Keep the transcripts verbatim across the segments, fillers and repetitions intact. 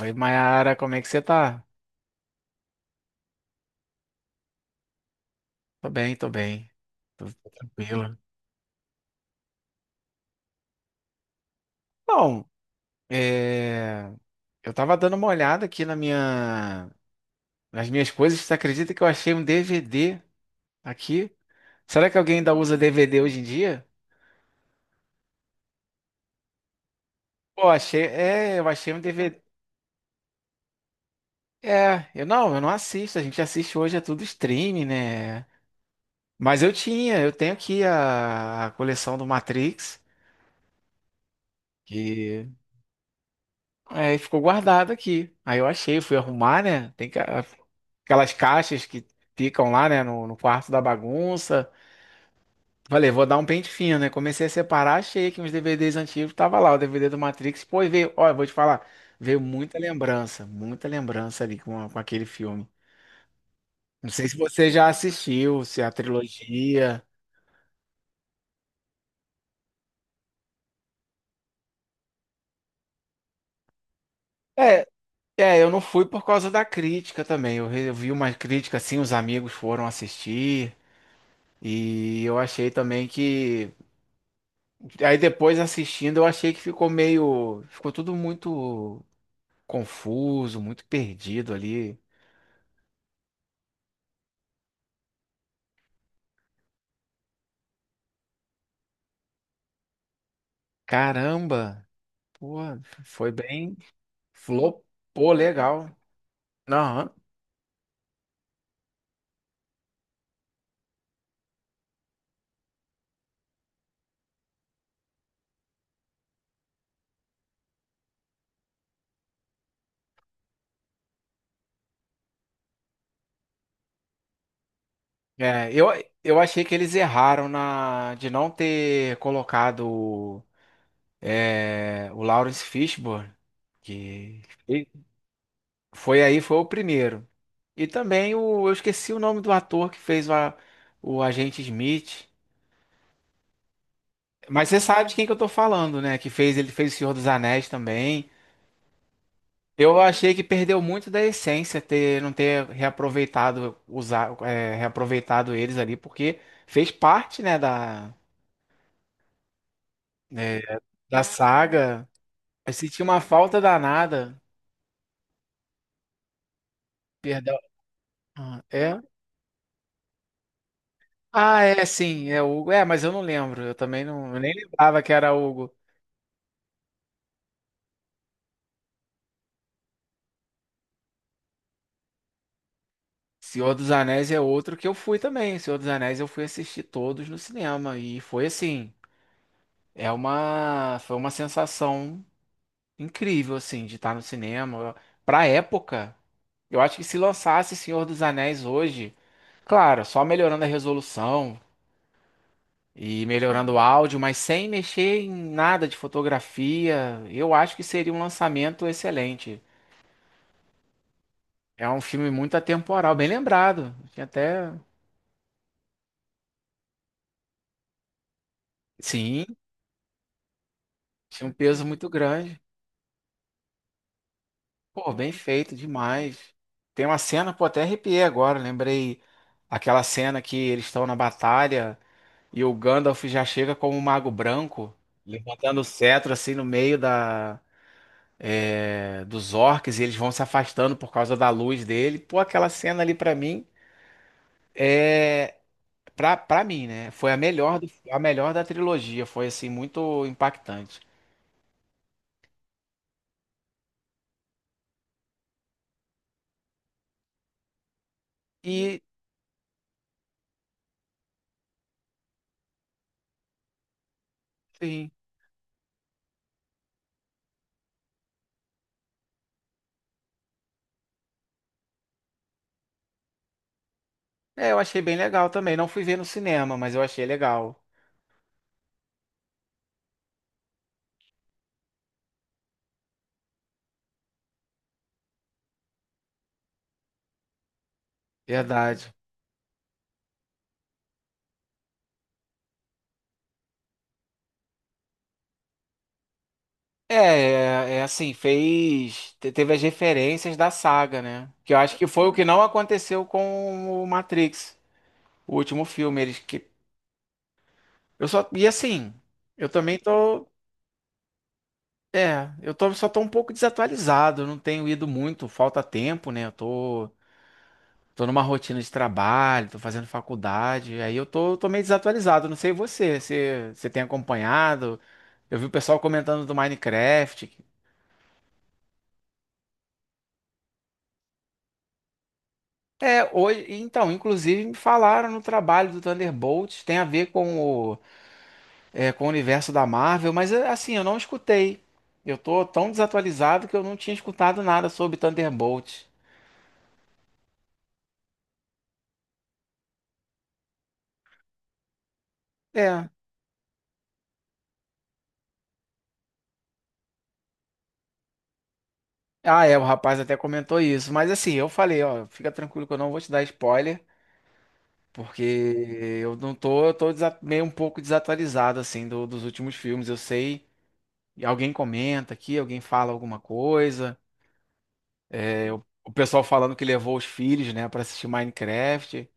Oi, Mayara, como é que você tá? Tô bem, tô bem. Tô tô tranquilo. Bom, é, eu tava dando uma olhada aqui na minha... nas minhas coisas. Você acredita que eu achei um D V D aqui? Será que alguém ainda usa D V D hoje em dia? Pô, achei. É, eu achei um D V D. É, eu não, eu não assisto. A gente assiste hoje, é tudo streaming, né? Mas eu tinha, eu tenho aqui a, a coleção do Matrix, que é, ficou guardada aqui. Aí eu achei, fui arrumar, né? Tem que. Aquelas caixas que ficam lá, né, no, no quarto da bagunça. Falei, vou dar um pente fino, né? Comecei a separar, achei que uns D V Ds antigos tava lá, o D V D do Matrix. Pô, e veio, olha, vou te falar, veio muita lembrança, muita lembrança ali com, a- com aquele filme. Não sei se você já assistiu, se é a trilogia. É, é, eu não fui por causa da crítica também. Eu, re- eu vi uma crítica assim, os amigos foram assistir. E eu achei também que. Aí depois assistindo, eu achei que ficou meio. Ficou tudo muito. Confuso, muito perdido ali. Caramba, pô, foi bem, flopou legal. Aham. É, eu, eu achei que eles erraram na de não ter colocado é, o Lawrence Fishburne, que e- foi aí, foi o primeiro. E também o, eu esqueci o nome do ator que fez o, a- o Agente Smith. Mas você sabe de quem que eu tô falando, né? Que fez, ele fez O Senhor dos Anéis também. Eu achei que perdeu muito da essência ter não ter reaproveitado usar é, reaproveitado eles ali porque fez parte né da é, da saga. Eu senti uma falta danada. Perdão. Ah, é? Ah, é sim, é Hugo. É, mas eu não lembro. Eu também não eu nem lembrava que era Hugo. Senhor dos Anéis é outro que eu fui também. Senhor dos Anéis eu fui assistir todos no cinema e foi assim, é uma foi uma sensação incrível, assim, de estar no cinema. Pra época, eu acho que se lançasse Senhor dos Anéis hoje, claro, só melhorando a resolução e melhorando o áudio, mas sem mexer em nada de fotografia, eu acho que seria um lançamento excelente. É um filme muito atemporal, bem lembrado. Tinha até. Sim, tinha um peso muito grande. Pô, bem feito demais. Tem uma cena, pô, até arrepiei agora, lembrei aquela cena que eles estão na batalha. E o Gandalf já chega como um mago branco, levantando o cetro assim no meio da, é, dos orcs e eles vão se afastando por causa da luz dele. Pô, aquela cena ali pra mim é pra, pra mim, né? Foi a melhor do- a melhor da trilogia, foi assim muito impactante. E sim, é, eu achei bem legal também. Não fui ver no cinema, mas eu achei legal. Verdade. É, é, é assim, fez. te- Teve as referências da saga, né? Que eu acho que foi o que não aconteceu com o Matrix, o último filme. Eles que. Eu só. E assim, eu também tô. É, eu tô, só tô um pouco desatualizado, eu não tenho ido muito, falta tempo, né? Eu tô, tô numa rotina de trabalho, tô fazendo faculdade, aí eu tô, tô meio desatualizado, não sei você, você, você tem acompanhado? Eu vi o pessoal comentando do Minecraft. É, hoje, então, inclusive me falaram no trabalho do Thunderbolts, tem a ver com o, é, com o universo da Marvel, mas é, assim, eu não escutei. Eu tô tão desatualizado que eu não tinha escutado nada sobre Thunderbolts. É. Ah, é, o rapaz até comentou isso, mas assim, eu falei, ó, fica tranquilo que eu não vou te dar spoiler, porque eu não tô, eu tô desa- meio um pouco desatualizado, assim, do- dos últimos filmes. Eu sei, alguém comenta aqui, alguém fala alguma coisa. O pessoal falando que levou os filhos, né, pra assistir Minecraft.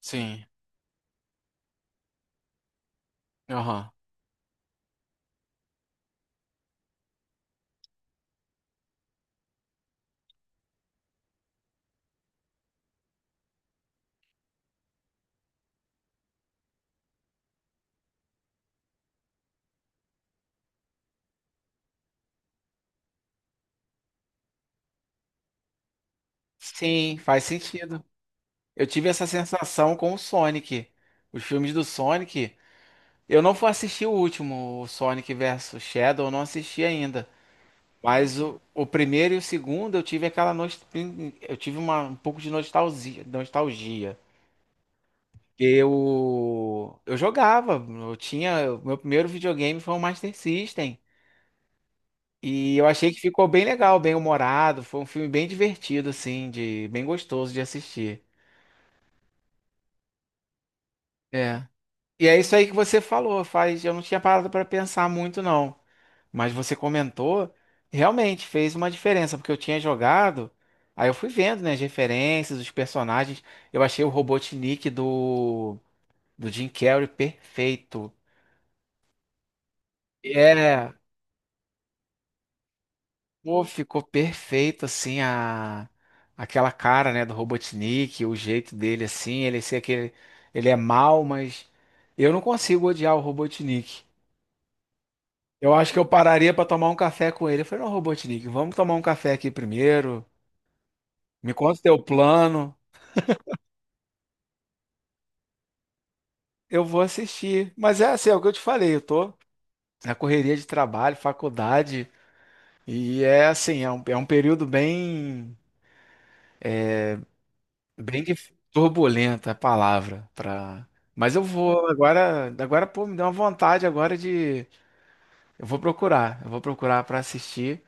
Sim. Aham. Sim, faz sentido. Eu tive essa sensação com o Sonic. Os filmes do Sonic, eu não fui assistir o último, o Sonic versus Shadow, eu não assisti ainda. Mas o, o primeiro e o segundo eu tive aquela nost... eu tive uma, um pouco de nostalgia, nostalgia. Eu eu jogava, eu tinha, o meu primeiro videogame foi o Master System. E eu achei que ficou bem legal, bem humorado. Foi um filme bem divertido, assim, de bem gostoso de assistir. É. E é isso aí que você falou, faz. Eu não tinha parado para pensar muito, não. Mas você comentou, realmente fez uma diferença, porque eu tinha jogado, aí eu fui vendo, né, as referências, os personagens. Eu achei o Robotnik do, do Jim Carrey perfeito. É, pô, ficou perfeito, assim, a... aquela cara, né, do Robotnik, o jeito dele, assim, ele ser aquele... Ele é mau, mas eu não consigo odiar o Robotnik. Eu acho que eu pararia pra tomar um café com ele. Eu falei, não, Robotnik, vamos tomar um café aqui primeiro, me conta o teu plano, eu vou assistir. Mas é assim, é o que eu te falei, eu tô na correria de trabalho, faculdade, e é assim, é um, é um período bem... Bem dif- turbulenta a palavra para. Mas eu vou agora, agora pô, me deu uma vontade agora de, eu vou procurar, eu vou procurar para assistir.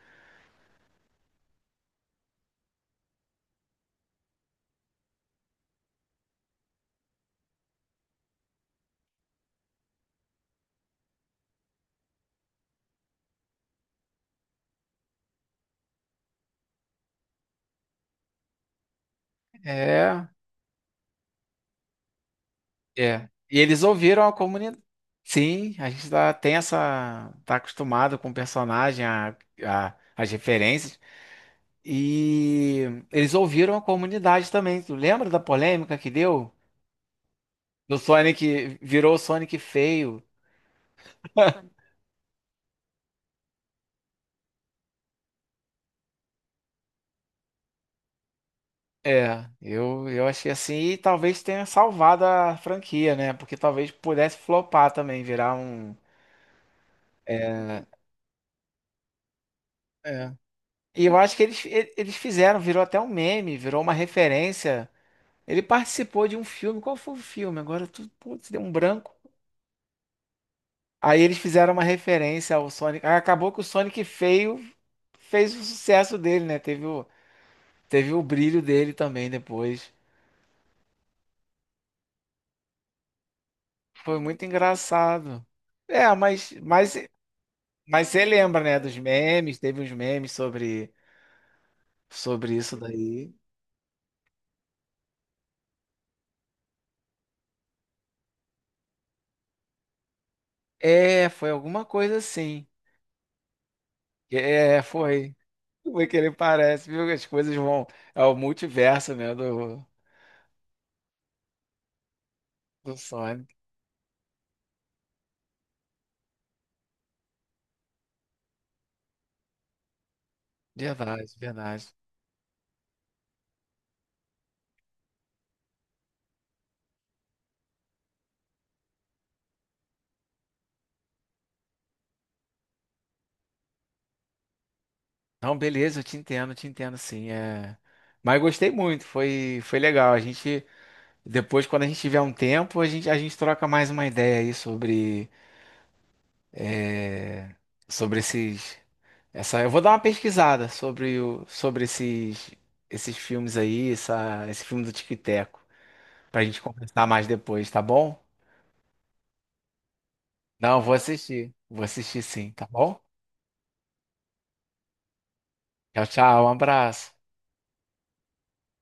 É, é. E eles ouviram a comunidade. Sim, a gente tá, tem essa, tá acostumado com o personagem, a, a- as referências. E eles ouviram a comunidade também. Tu lembra da polêmica que deu? Do Sonic virou o Sonic feio. É, eu, eu achei assim, e talvez tenha salvado a franquia, né? Porque talvez pudesse flopar também, virar um. É. E eu acho que eles, e- eles fizeram, virou até um meme, virou uma referência. Ele participou de um filme, qual foi o filme? Agora tu, putz, deu um branco. Aí eles fizeram uma referência ao Sonic. Aí acabou que o Sonic feio fez o sucesso dele, né? Teve o, teve o brilho dele também depois. Foi muito engraçado. É, mas, mas Mas você lembra, né, dos memes? Teve uns memes sobre, sobre isso daí. É, foi alguma coisa assim. É, foi. Foi que ele parece, viu? As coisas vão. É o multiverso, né, do, do Sonic. Verdade, verdade. Não, beleza, eu te entendo, eu te entendo, sim. É... Mas gostei muito, foi, foi legal. A gente, depois, quando a gente tiver um tempo, a gente, a gente troca mais uma ideia aí sobre. é, sobre esses. Essa, eu vou dar uma pesquisada sobre, o, sobre esses, esses filmes aí, essa, esse filme do Tico e Teco, pra gente conversar mais depois, tá bom? Não, vou assistir. Vou assistir sim, tá bom? Tchau, tchau, um abraço.